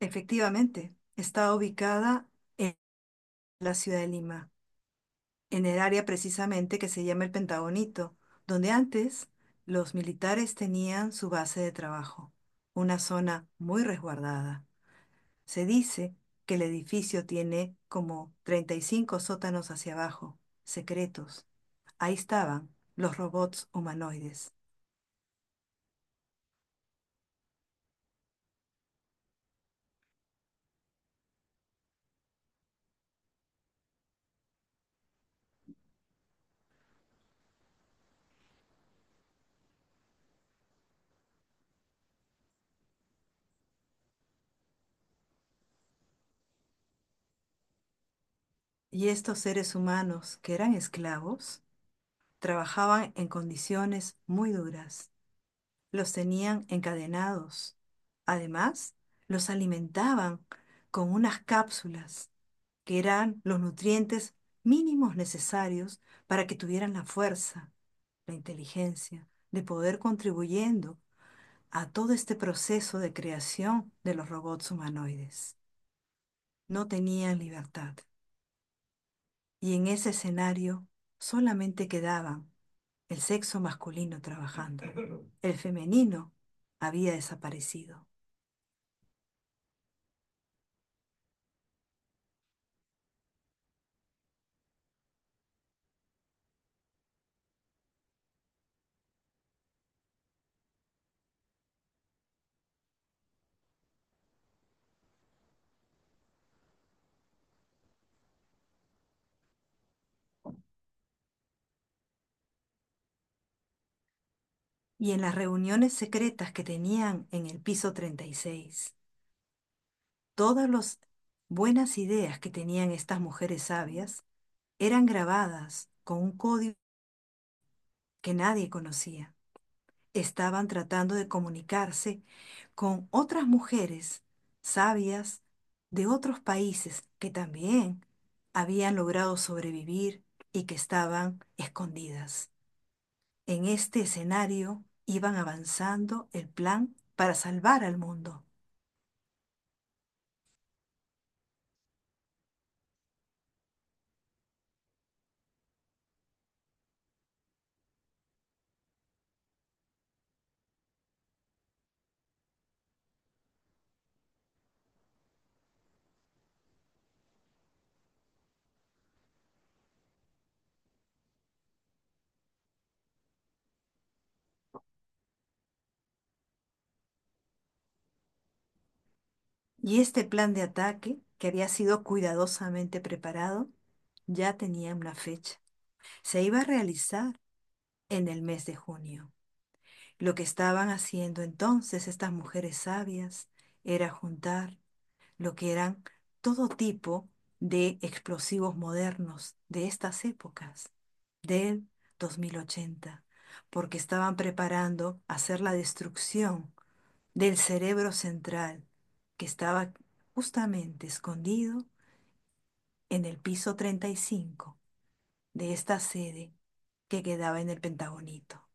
Efectivamente, está ubicada en la ciudad de Lima, en el área precisamente que se llama el Pentagonito, donde antes los militares tenían su base de trabajo, una zona muy resguardada. Se dice que el edificio tiene como 35 sótanos hacia abajo, secretos. Ahí estaban los robots humanoides. Y estos seres humanos que eran esclavos trabajaban en condiciones muy duras. Los tenían encadenados. Además, los alimentaban con unas cápsulas que eran los nutrientes mínimos necesarios para que tuvieran la fuerza, la inteligencia, de poder contribuyendo a todo este proceso de creación de los robots humanoides. No tenían libertad y en ese escenario solamente quedaban el sexo masculino trabajando. El femenino había desaparecido. Y en las reuniones secretas que tenían en el piso 36, todas las buenas ideas que tenían estas mujeres sabias eran grabadas con un código que nadie conocía. Estaban tratando de comunicarse con otras mujeres sabias de otros países que también habían logrado sobrevivir y que estaban escondidas. En este escenario iban avanzando el plan para salvar al mundo. Y este plan de ataque, que había sido cuidadosamente preparado, ya tenía una fecha. Se iba a realizar en el mes de junio. Lo que estaban haciendo entonces estas mujeres sabias era juntar lo que eran todo tipo de explosivos modernos de estas épocas, del 2080, porque estaban preparando hacer la destrucción del cerebro central que estaba justamente escondido en el piso 35 de esta sede que quedaba en el Pentagonito.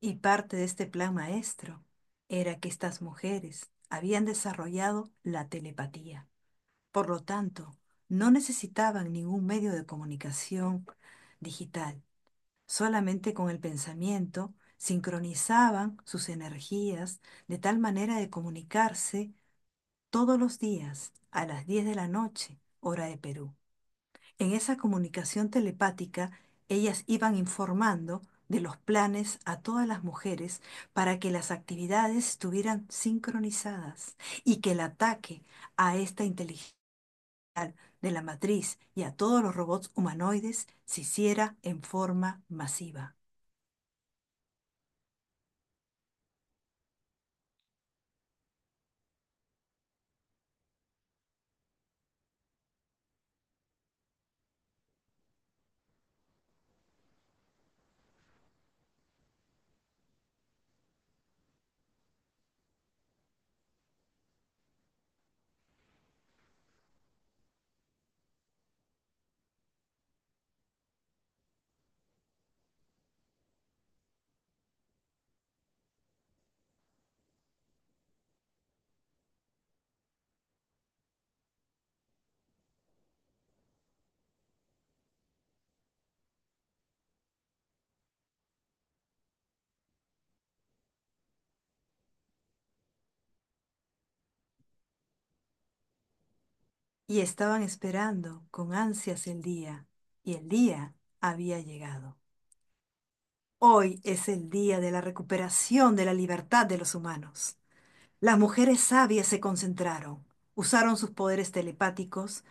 Y parte de este plan maestro era que estas mujeres habían desarrollado la telepatía. Por lo tanto, no necesitaban ningún medio de comunicación digital. Solamente con el pensamiento sincronizaban sus energías de tal manera de comunicarse todos los días a las 10 de la noche, hora de Perú. En esa comunicación telepática, ellas iban informando de los planes a todas las mujeres para que las actividades estuvieran sincronizadas y que el ataque a esta inteligencia de la matriz y a todos los robots humanoides se hiciera en forma masiva. Y estaban esperando con ansias el día, y el día había llegado. Hoy es el día de la recuperación de la libertad de los humanos. Las mujeres sabias se concentraron, usaron sus poderes telepáticos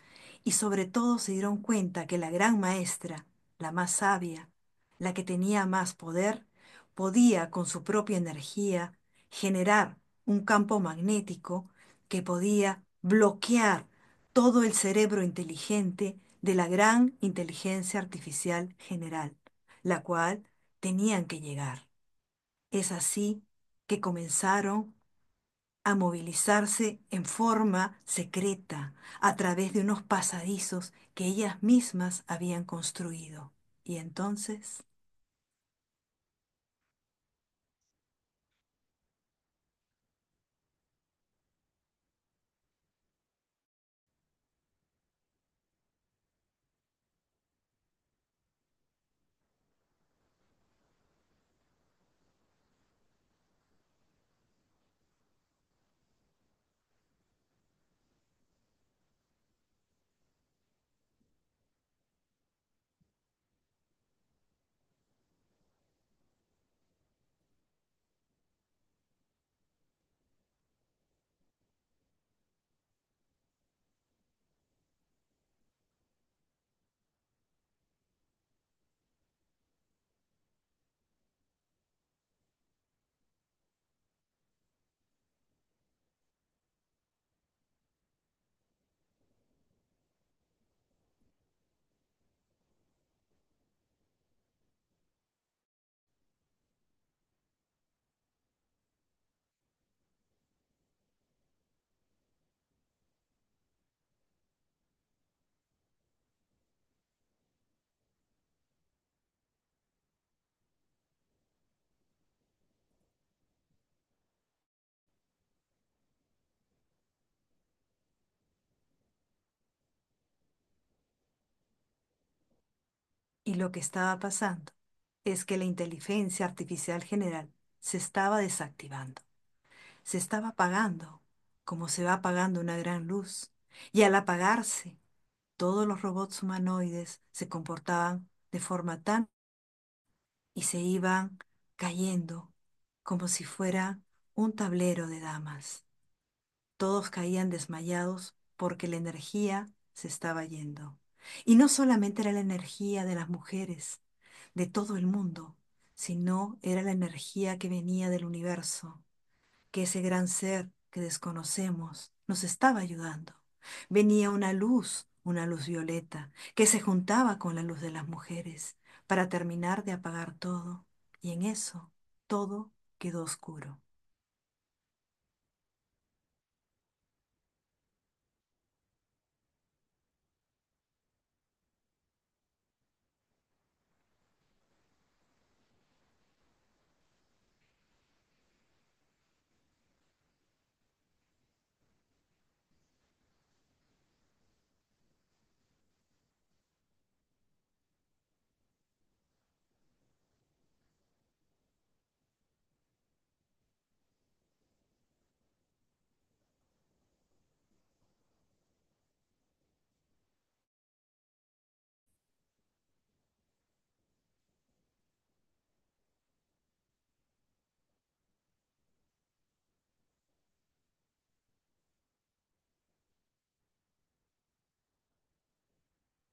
y sobre todo se dieron cuenta que la gran maestra, la más sabia, la que tenía más poder, podía con su propia energía generar un campo magnético que podía bloquear todo el cerebro inteligente de la gran inteligencia artificial general, la cual tenían que llegar. Es así que comenzaron a movilizarse en forma secreta a través de unos pasadizos que ellas mismas habían construido. Y entonces, y lo que estaba pasando es que la inteligencia artificial general se estaba desactivando, se estaba apagando, como se va apagando una gran luz. Y al apagarse, todos los robots humanoides se comportaban de forma tan y se iban cayendo como si fuera un tablero de damas. Todos caían desmayados porque la energía se estaba yendo. Y no solamente era la energía de las mujeres, de todo el mundo, sino era la energía que venía del universo, que ese gran ser que desconocemos nos estaba ayudando. Venía una luz violeta, que se juntaba con la luz de las mujeres para terminar de apagar todo. Y en eso todo quedó oscuro.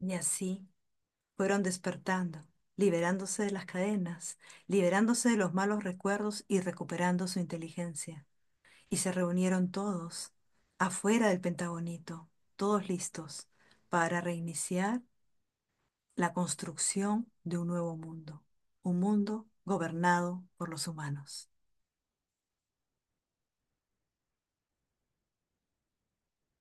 Y así fueron despertando, liberándose de las cadenas, liberándose de los malos recuerdos y recuperando su inteligencia. Y se reunieron todos, afuera del Pentagonito, todos listos, para reiniciar la construcción de un nuevo mundo, un mundo gobernado por los humanos.